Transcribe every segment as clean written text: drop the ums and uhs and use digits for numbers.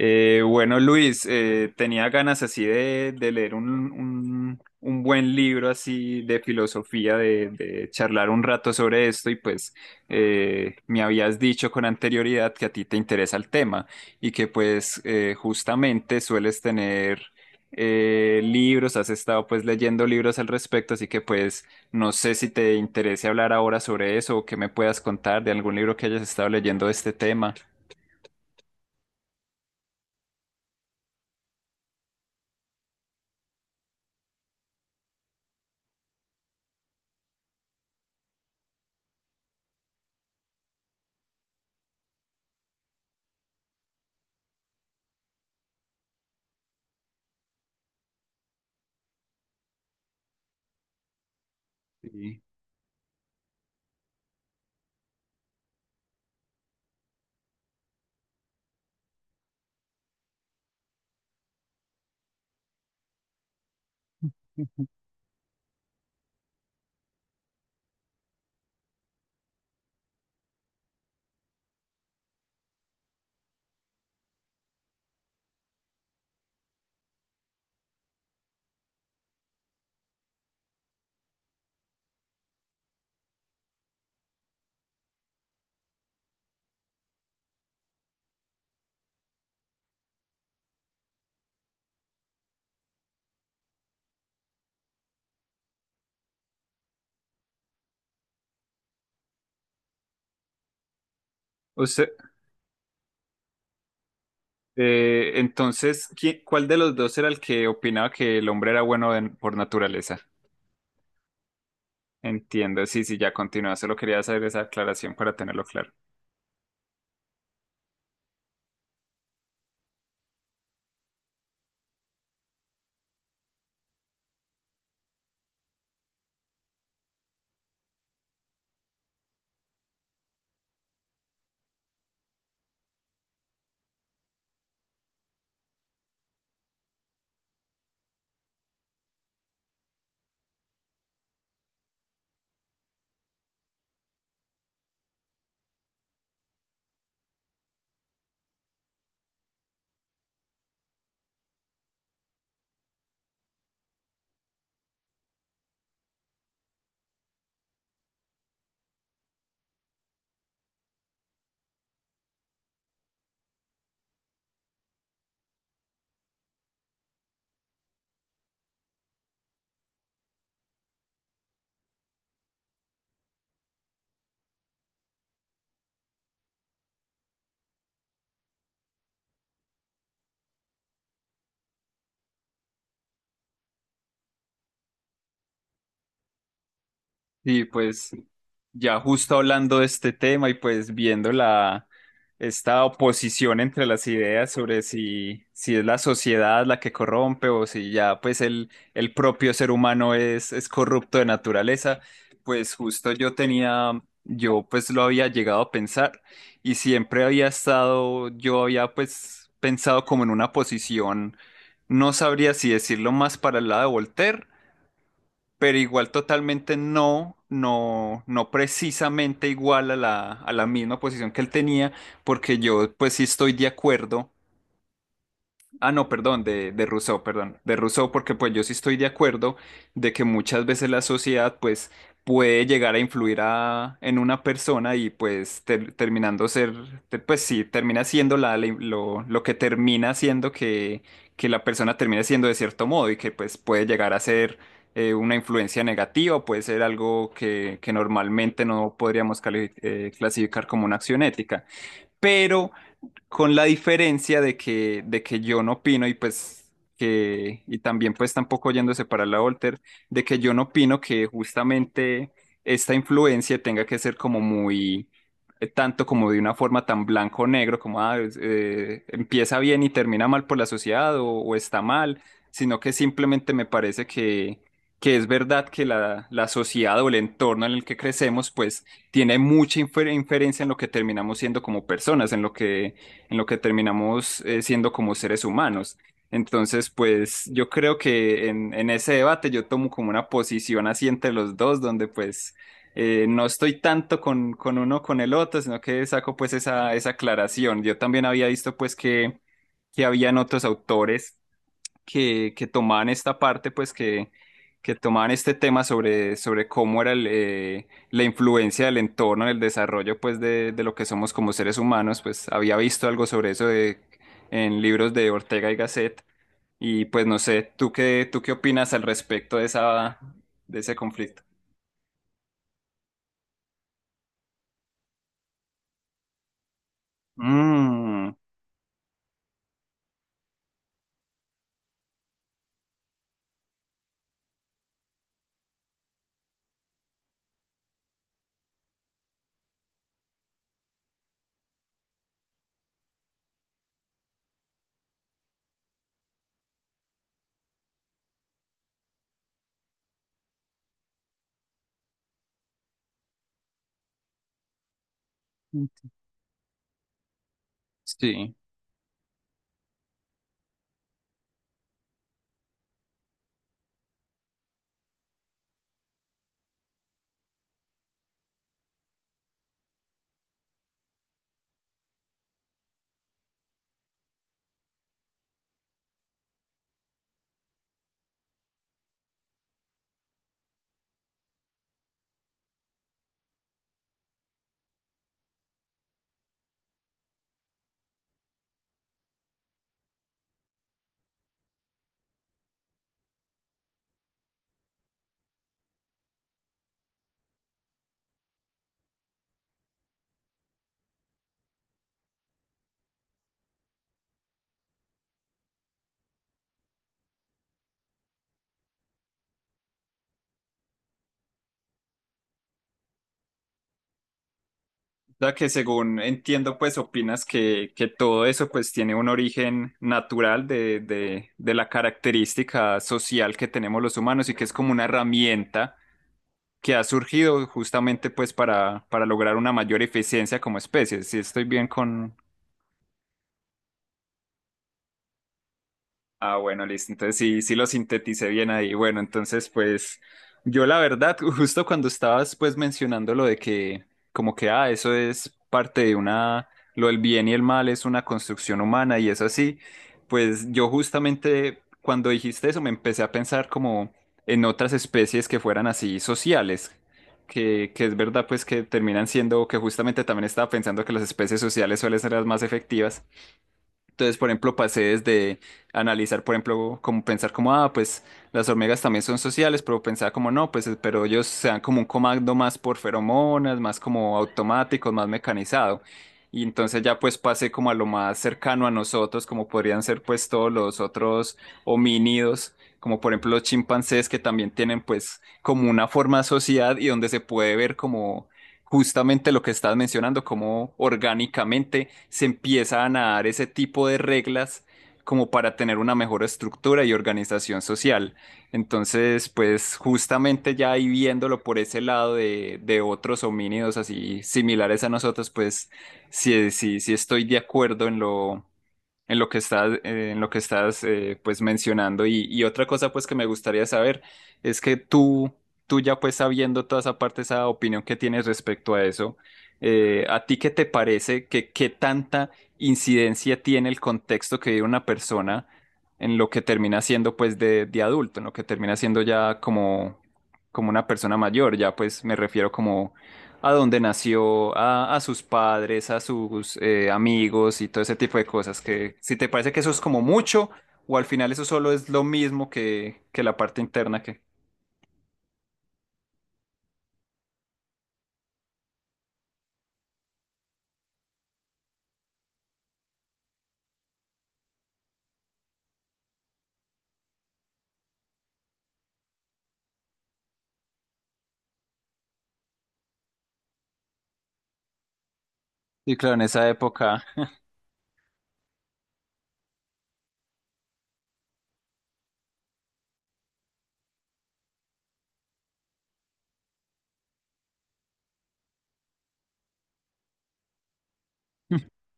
Bueno, Luis, tenía ganas así de leer un buen libro así de filosofía, de charlar un rato sobre esto y me habías dicho con anterioridad que a ti te interesa el tema y que justamente sueles tener libros, has estado pues leyendo libros al respecto, así que pues no sé si te interese hablar ahora sobre eso o que me puedas contar de algún libro que hayas estado leyendo de este tema. Sí. Usted. Entonces, ¿cuál de los dos era el que opinaba que el hombre era por naturaleza? Entiendo, sí, sí, ya continúa. Solo quería hacer esa aclaración para tenerlo claro. Y pues ya justo hablando de este tema y pues viendo la esta oposición entre las ideas sobre si, si es la sociedad la que corrompe o si ya pues el propio ser humano es corrupto de naturaleza, pues justo yo pues lo había llegado a pensar y siempre había estado, yo había pues pensado como en una posición, no sabría si decirlo más para el lado de Voltaire, pero igual totalmente no, no, no precisamente igual a a la misma posición que él tenía, porque yo pues sí estoy de acuerdo. Ah, no, perdón, de Rousseau, perdón, de Rousseau, porque pues yo sí estoy de acuerdo de que muchas veces la sociedad pues puede llegar a influir a, en una persona y pues sí, termina siendo lo que termina siendo que la persona termina siendo de cierto modo y que pues puede llegar a ser una influencia negativa, puede ser algo que normalmente no podríamos clasificar como una acción ética. Pero con la diferencia de que yo no opino y pues que, y también pues tampoco yéndose para la Volter, de que yo no opino que justamente esta influencia tenga que ser como muy, tanto como de una forma tan blanco o negro, como ah, empieza bien y termina mal por la sociedad o está mal, sino que simplemente me parece que es verdad que la sociedad o el entorno en el que crecemos, pues tiene mucha inferencia en lo que terminamos siendo como personas, en lo que terminamos siendo como seres humanos. Entonces, pues yo creo que en ese debate yo tomo como una posición así entre los dos, donde pues no estoy tanto con uno o con el otro, sino que saco pues esa aclaración. Yo también había visto pues que habían otros autores que tomaban esta parte, pues que tomaban este tema sobre, sobre cómo era la influencia del entorno en el desarrollo, pues de lo que somos como seres humanos, pues había visto algo sobre eso de, en libros de Ortega y Gasset, y pues no sé, ¿tú qué opinas al respecto de esa, de ese conflicto? Mm, sí. Ya que según entiendo, pues opinas que todo eso pues tiene un origen natural de la característica social que tenemos los humanos y que es como una herramienta que ha surgido justamente pues para lograr una mayor eficiencia como especie. Si estoy bien con, ah, bueno, listo. Entonces sí, sí lo sinteticé bien ahí. Bueno, entonces pues yo la verdad, justo cuando estabas pues mencionando lo de que como que, ah, eso es parte de una, lo del bien y el mal es una construcción humana y es así, pues yo justamente cuando dijiste eso me empecé a pensar como en otras especies que fueran así sociales, que es verdad pues que terminan siendo, que justamente también estaba pensando que las especies sociales suelen ser las más efectivas. Entonces, por ejemplo, pasé desde analizar, por ejemplo, como pensar como, ah, pues las hormigas también son sociales, pero pensaba como, no, pues, pero ellos se dan como un comando más por feromonas, más como automático, más mecanizado. Y entonces ya pues pasé como a lo más cercano a nosotros, como podrían ser pues todos los otros homínidos, como por ejemplo los chimpancés, que también tienen pues como una forma de sociedad y donde se puede ver como justamente lo que estás mencionando, cómo orgánicamente se empiezan a dar ese tipo de reglas como para tener una mejor estructura y organización social. Entonces, pues justamente ya ahí viéndolo por ese lado de otros homínidos así similares a nosotros, pues sí, sí, sí estoy de acuerdo en lo que estás, en lo que estás pues mencionando. Y otra cosa pues que me gustaría saber es que tú ya pues sabiendo toda esa parte, esa opinión que tienes respecto a eso, ¿a ti qué te parece que qué tanta incidencia tiene el contexto que vive una persona en lo que termina siendo pues de adulto, en lo que termina siendo ya como, como una persona mayor? Ya pues me refiero como a dónde nació, a sus padres, a sus amigos y todo ese tipo de cosas. Que si te parece que eso es como mucho, o al final eso solo es lo mismo que la parte interna que. Y claro, en esa época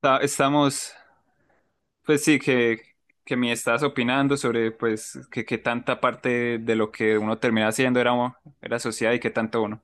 ta- estamos, pues sí, que me estás opinando sobre pues que tanta parte de lo que uno termina haciendo era, era sociedad y que tanto uno.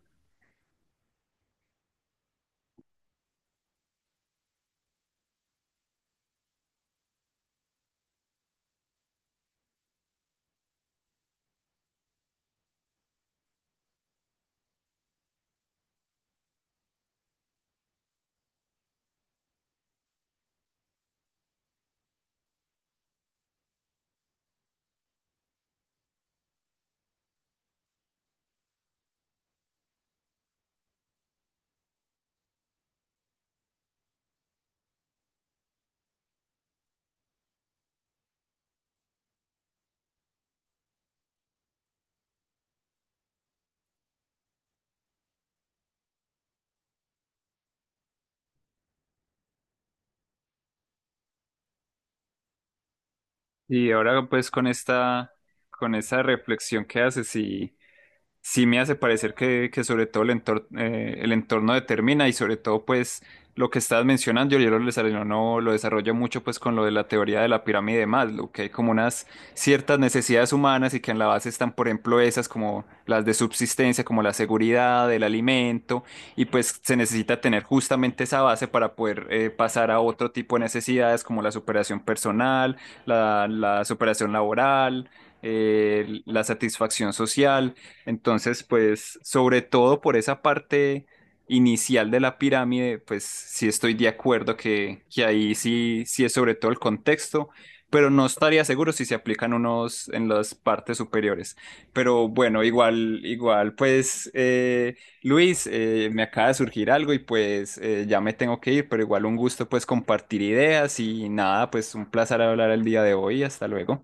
Y ahora pues con esta, con esa reflexión que haces y sí me hace parecer que sobre todo el entorno determina y sobre todo pues lo que estás mencionando, yo lo desarrollo, no no, lo desarrollo mucho pues con lo de la teoría de la pirámide de Maslow, que hay como unas ciertas necesidades humanas y que en la base están por ejemplo esas como las de subsistencia, como la seguridad, el alimento y pues se necesita tener justamente esa base para poder pasar a otro tipo de necesidades como la superación personal, la superación laboral, la satisfacción social. Entonces, pues, sobre todo por esa parte inicial de la pirámide, pues sí estoy de acuerdo que ahí sí, sí es sobre todo el contexto, pero no estaría seguro si se aplican unos en las partes superiores. Pero bueno, igual, igual, pues, Luis, me acaba de surgir algo y pues ya me tengo que ir, pero igual un gusto pues compartir ideas y nada, pues un placer hablar el día de hoy. Hasta luego.